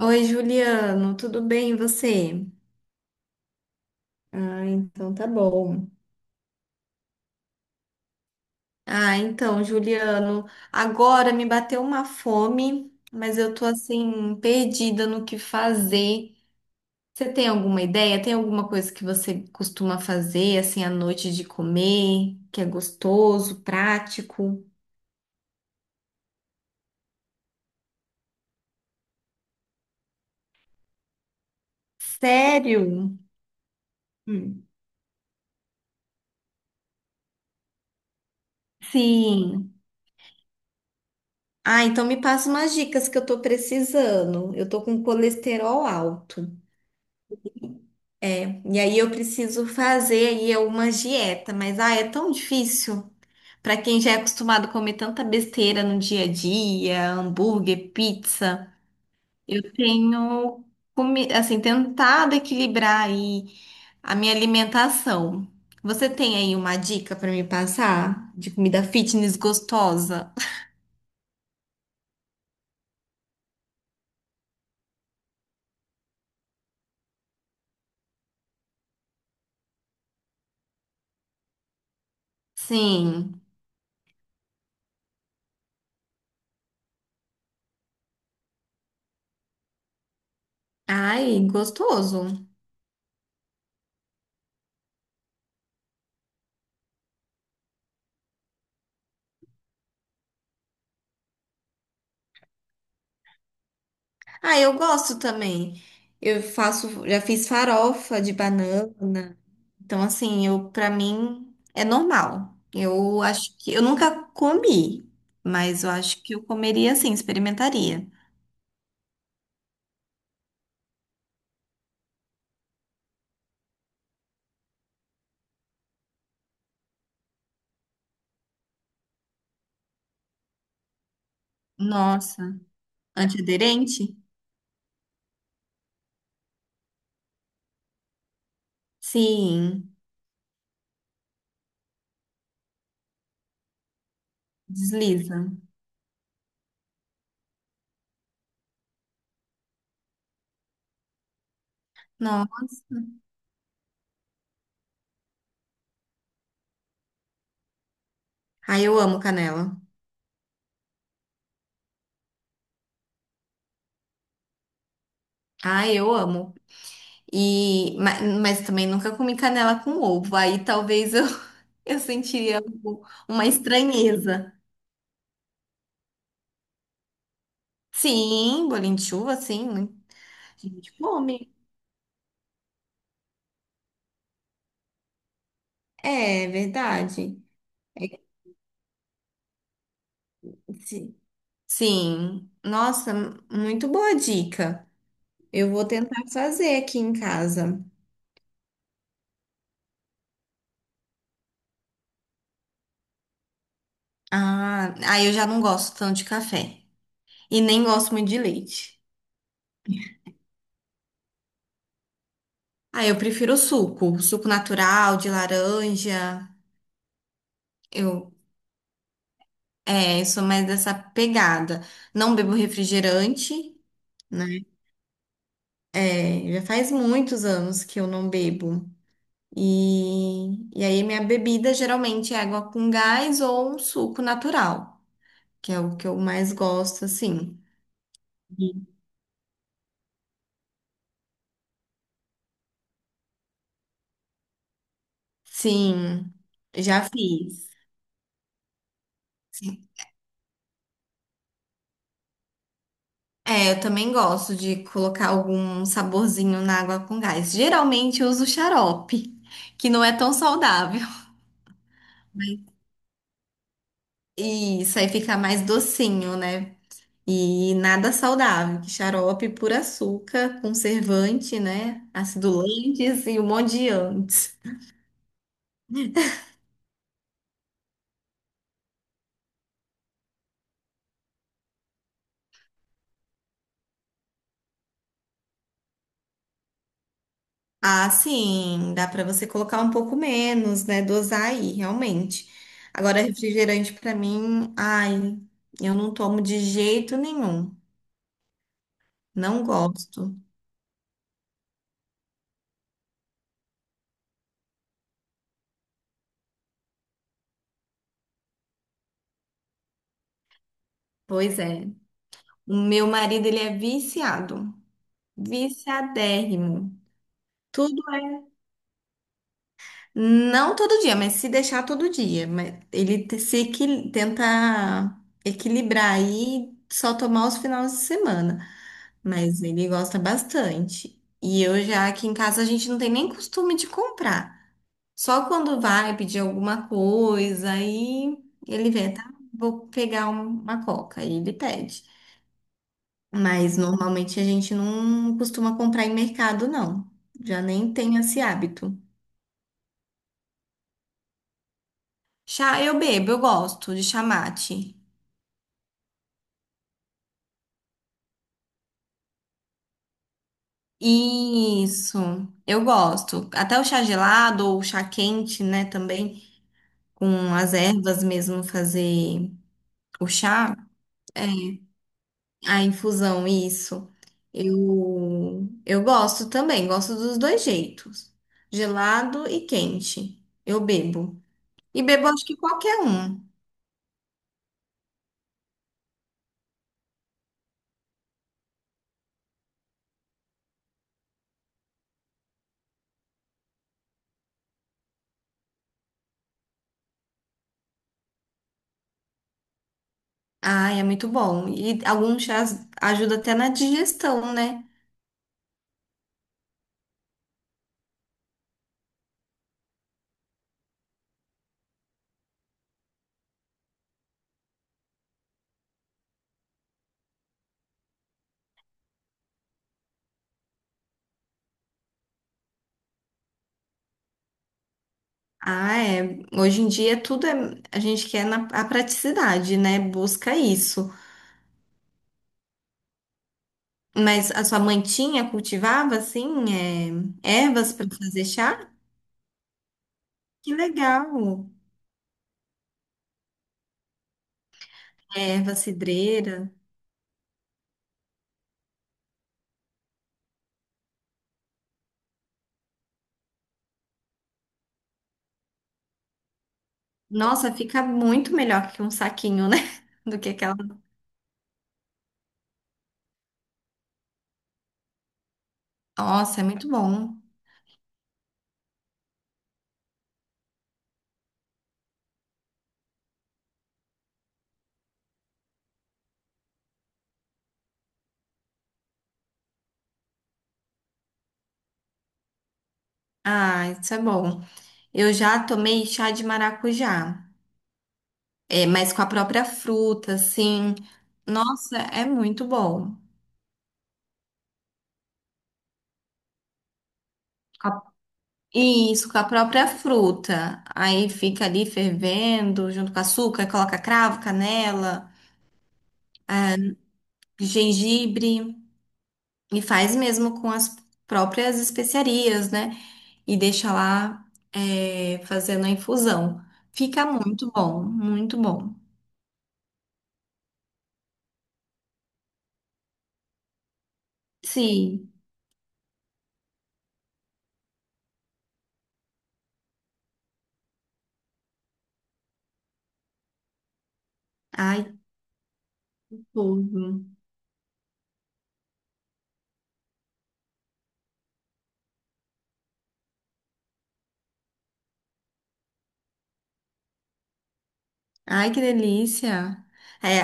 Oi, Juliano, tudo bem e você? Ah, então tá bom. Ah, então, Juliano, agora me bateu uma fome, mas eu tô assim perdida no que fazer. Você tem alguma ideia? Tem alguma coisa que você costuma fazer assim à noite de comer, que é gostoso, prático? Sério? Hum. Sim. Ah, então me passa umas dicas que eu tô precisando. Eu tô com colesterol alto. É, e aí eu preciso fazer aí uma dieta, mas ah, é tão difícil para quem já é acostumado a comer tanta besteira no dia a dia, hambúrguer, pizza. Eu tenho assim, tentado equilibrar aí a minha alimentação. Você tem aí uma dica para me passar de comida fitness gostosa? Sim. Ai, gostoso. Ah, eu gosto também. Eu faço, já fiz farofa de banana. Então, assim, eu para mim é normal. Eu acho que eu nunca comi, mas eu acho que eu comeria assim, experimentaria. Nossa, antiaderente? Sim, desliza. Nossa. Ai, eu amo canela. Ai, eu amo. Mas também nunca comi canela com ovo. Aí talvez eu eu sentiria uma estranheza. Sim, bolinho de chuva, sim, né? A gente come. É, é verdade. É que se- Sim. Nossa, muito boa dica. Eu vou tentar fazer aqui em casa. Ah, aí eu já não gosto tanto de café. E nem gosto muito de leite. Ah, eu prefiro o suco. Suco natural, de laranja. Eu, eu sou mais dessa pegada. Não bebo refrigerante, né? É, já faz muitos anos que eu não bebo. E aí minha bebida geralmente é água com gás ou um suco natural, que é o que eu mais gosto, assim. Sim, já fiz. Sim. É, eu também gosto de colocar algum saborzinho na água com gás. Geralmente eu uso xarope, que não é tão saudável. E isso aí fica mais docinho, né? E nada saudável, que xarope por açúcar, conservante, né? Acidulantes e um monte de antes. Ah, sim, dá para você colocar um pouco menos, né? Dosar aí, realmente. Agora, refrigerante para mim, ai, eu não tomo de jeito nenhum. Não gosto. Pois é. O meu marido, ele é viciado, viciadérrimo. Tudo. Não todo dia, mas se deixar, todo dia. Mas ele te- se equi- tenta equilibrar aí, só tomar os finais de semana. Mas ele gosta bastante. E eu, já aqui em casa, a gente não tem nem costume de comprar. Só quando vai pedir alguma coisa, aí ele vê, tá? Vou pegar uma coca. Aí ele pede. Mas normalmente a gente não costuma comprar em mercado, não. Já nem tem esse hábito. Chá eu bebo, eu gosto de chamate. Isso, eu gosto. Até o chá gelado ou o chá quente, né, também, com as ervas mesmo fazer o chá, é, a infusão, isso. Eu gosto também, gosto dos dois jeitos, gelado e quente. Eu bebo. E bebo acho que qualquer um. Ai, é muito bom. E alguns chás ajudam até na digestão, né? Ah, é. Hoje em dia tudo é. A gente quer na, a praticidade, né? Busca isso. Mas a sua mãe tinha, cultivava, assim, é, ervas para fazer chá? Que legal! Erva cidreira. Nossa, fica muito melhor que um saquinho, né? Do que aquela. Nossa, é muito bom. Ah, isso é bom. Eu já tomei chá de maracujá. É, mas com a própria fruta, assim. Nossa, é muito bom. Com a Isso, com a própria fruta. Aí fica ali fervendo, junto com açúcar, coloca cravo, canela, gengibre e faz mesmo com as próprias especiarias, né? E deixa lá, é, fazendo a infusão. Fica muito bom, muito bom. Sim. Ai, que tudo. Ai, que delícia. É,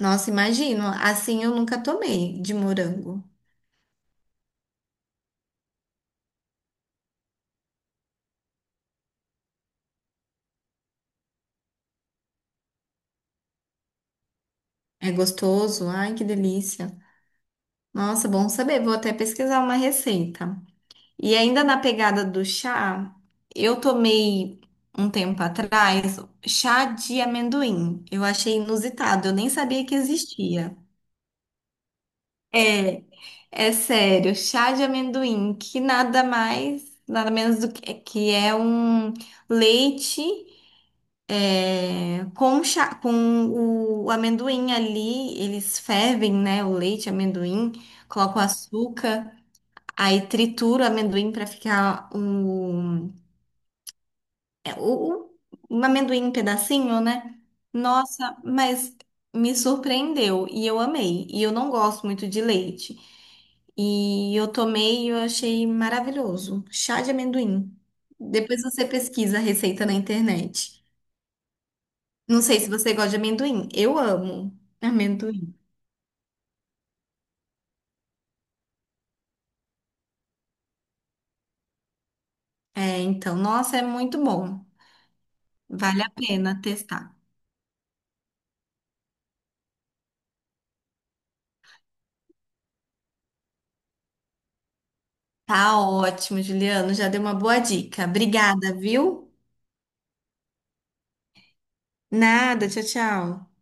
nossa, imagino. Assim eu nunca tomei de morango. É gostoso. Ai, que delícia. Nossa, bom saber. Vou até pesquisar uma receita. E ainda na pegada do chá, eu tomei um tempo atrás chá de amendoim. Eu achei inusitado, eu nem sabia que existia. É, é sério, chá de amendoim, que nada mais, nada menos do que é um leite é, com chá, com o amendoim ali, eles fervem, né, o leite, amendoim, colocam açúcar. Aí trituro o amendoim para ficar um, é, um amendoim em pedacinho, né? Nossa, mas me surpreendeu e eu amei. E eu não gosto muito de leite. E eu tomei e eu achei maravilhoso. Chá de amendoim. Depois você pesquisa a receita na internet. Não sei se você gosta de amendoim. Eu amo amendoim. É, então, nossa, é muito bom. Vale a pena testar. Tá ótimo, Juliano. Já deu uma boa dica. Obrigada, viu? Nada, tchau, tchau.